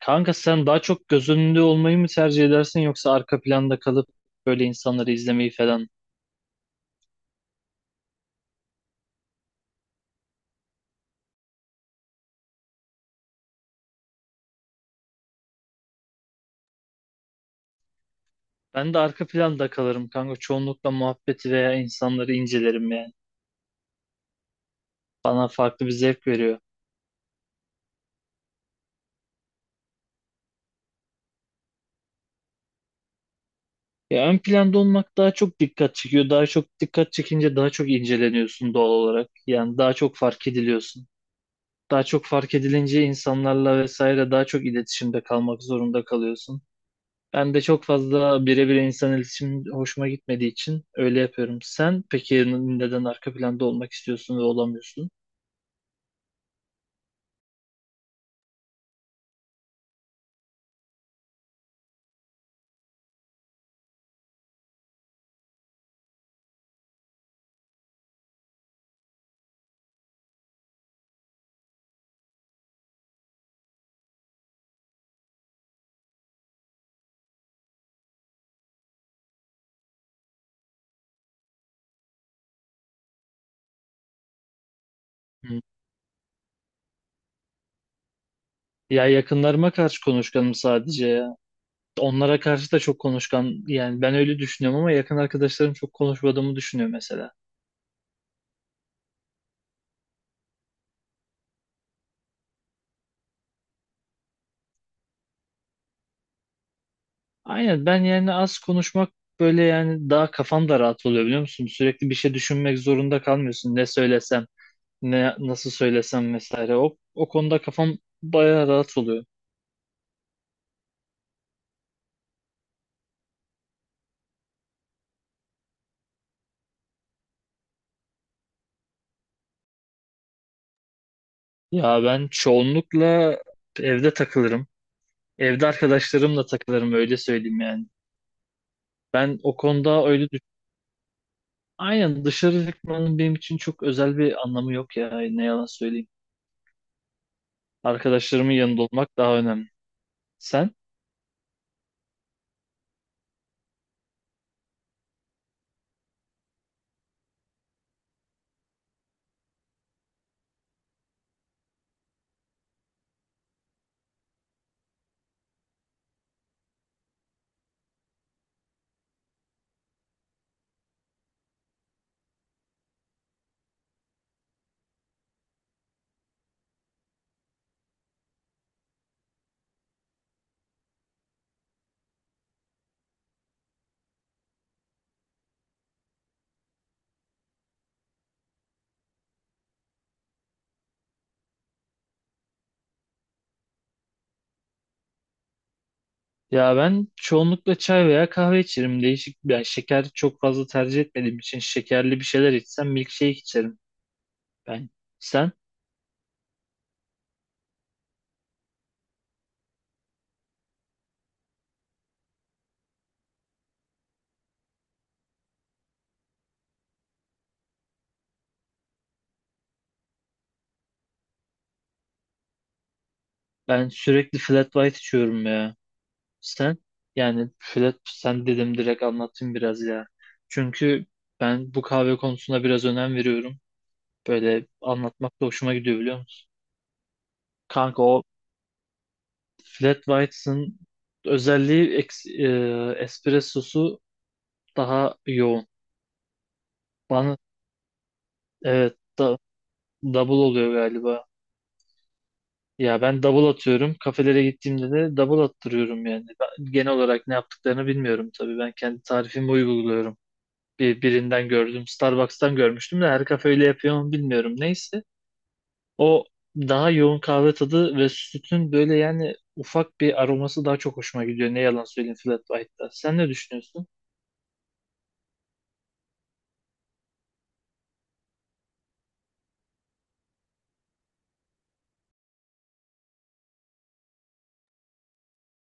Kanka sen daha çok göz önünde olmayı mı tercih edersin yoksa arka planda kalıp böyle insanları izlemeyi falan? Ben de arka planda kalırım kanka. Çoğunlukla muhabbeti veya insanları incelerim yani. Bana farklı bir zevk veriyor. Ya ön planda olmak daha çok dikkat çekiyor. Daha çok dikkat çekince daha çok inceleniyorsun doğal olarak. Yani daha çok fark ediliyorsun. Daha çok fark edilince insanlarla vesaire daha çok iletişimde kalmak zorunda kalıyorsun. Ben de çok fazla birebir insan iletişim hoşuma gitmediği için öyle yapıyorum. Sen peki neden arka planda olmak istiyorsun ve olamıyorsun? Hı. Ya yakınlarıma karşı konuşkanım sadece ya. Onlara karşı da çok konuşkan yani ben öyle düşünüyorum ama yakın arkadaşlarım çok konuşmadığımı düşünüyor mesela. Aynen ben yani az konuşmak böyle yani daha kafam da rahat oluyor biliyor musun? Sürekli bir şey düşünmek zorunda kalmıyorsun. Ne söylesem, ne nasıl söylesem vesaire. O konuda kafam bayağı rahat oluyor. Ya ben çoğunlukla evde takılırım. Evde arkadaşlarımla takılırım öyle söyleyeyim yani. Ben o konuda öyle düş Aynen dışarı çıkmanın benim için çok özel bir anlamı yok ya ne yalan söyleyeyim. Arkadaşlarımın yanında olmak daha önemli. Sen? Ya ben çoğunlukla çay veya kahve içerim. Değişik yani şeker çok fazla tercih etmediğim için şekerli bir şeyler içsem milkshake içerim ben. Sen? Ben sürekli flat white içiyorum ya. Sen yani Fred, sen dedim direkt anlatayım biraz ya. Çünkü ben bu kahve konusuna biraz önem veriyorum. Böyle anlatmak da hoşuma gidiyor biliyor musun? Kanka o flat whites'ın özelliği espressosu daha yoğun. Bana evet da, double oluyor galiba. Ya ben double atıyorum. Kafelere gittiğimde de double attırıyorum yani. Ben genel olarak ne yaptıklarını bilmiyorum tabii. Ben kendi tarifimi uyguluyorum. Birinden gördüm. Starbucks'tan görmüştüm de her kafe öyle yapıyor mu bilmiyorum. Neyse. O daha yoğun kahve tadı ve sütün böyle yani ufak bir aroması daha çok hoşuma gidiyor. Ne yalan söyleyeyim Flat White'da. Sen ne düşünüyorsun?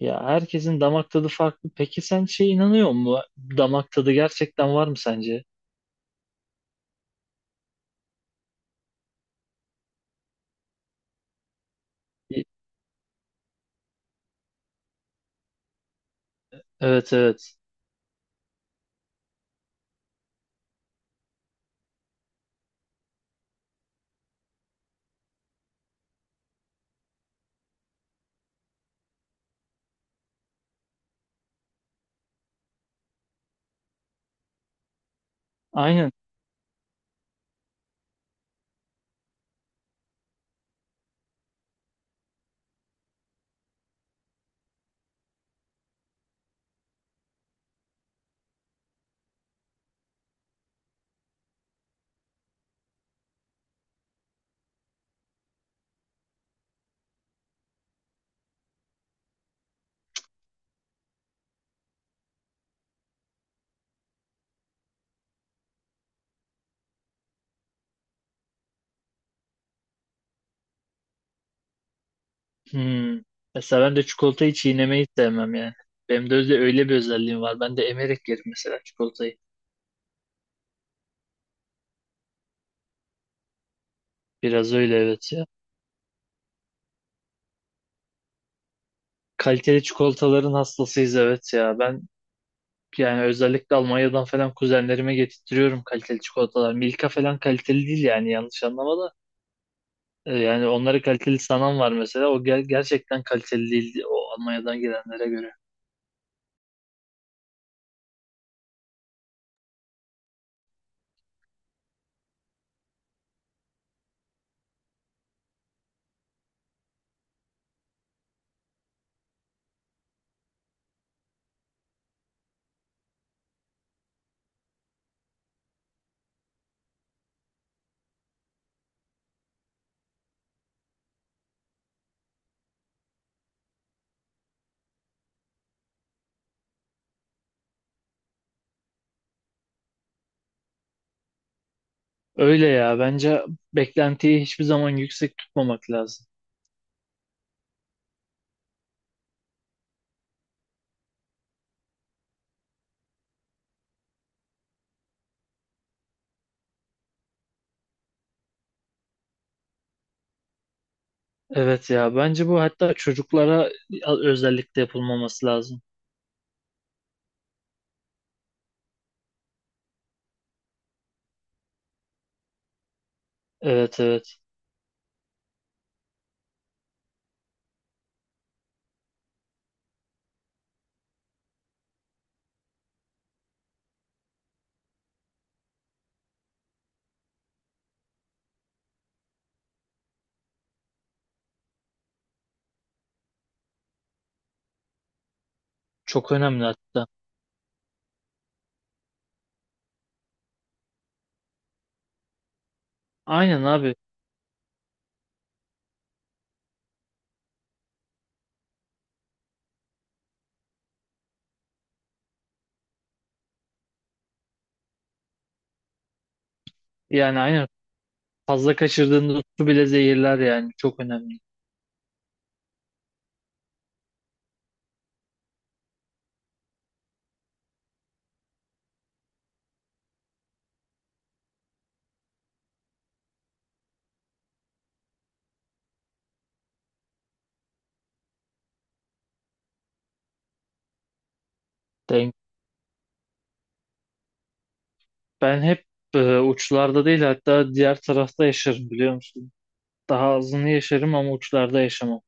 Ya herkesin damak tadı farklı. Peki sen şey inanıyor musun? Damak tadı gerçekten var mı sence? İ- Evet, evet. Aynen. Hmm. Mesela ben de çikolatayı çiğnemeyi sevmem yani. Benim de öyle bir özelliğim var. Ben de emerek yerim mesela çikolatayı. Biraz öyle evet ya. Kaliteli çikolataların hastasıyız evet ya. Ben yani özellikle Almanya'dan falan kuzenlerime getirtiyorum kaliteli çikolatalar. Milka falan kaliteli değil yani yanlış anlama da. Yani onları kaliteli sanan var mesela. O gerçekten kaliteli değil o Almanya'dan gelenlere göre. Öyle ya bence beklentiyi hiçbir zaman yüksek tutmamak lazım. Evet ya bence bu hatta çocuklara özellikle yapılmaması lazım. Evet, evet, çok önemli hatta. Aynen abi, yani aynen. Fazla kaçırdığında su bile zehirler yani çok önemli. Denk. Ben hep uçlarda değil, hatta diğer tarafta yaşarım biliyor musun? Daha azını yaşarım ama uçlarda yaşamam.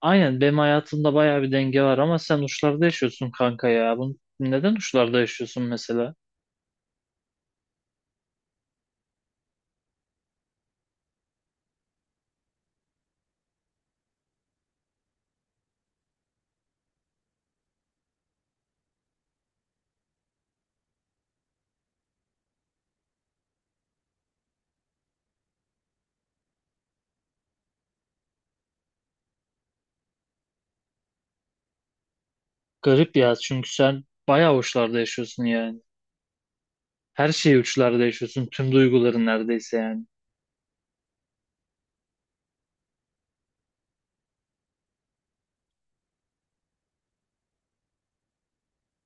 Aynen benim hayatımda bayağı bir denge var ama sen uçlarda yaşıyorsun kanka ya. Bunu, neden uçlarda yaşıyorsun mesela? Garip ya çünkü sen bayağı uçlarda yaşıyorsun yani. Her şeyi uçlarda yaşıyorsun. Tüm duyguların neredeyse yani.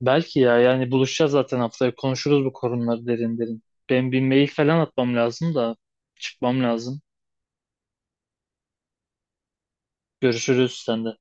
Belki ya, yani buluşacağız zaten haftaya konuşuruz bu konuları derin derin. Ben bir mail falan atmam lazım da çıkmam lazım. Görüşürüz sende.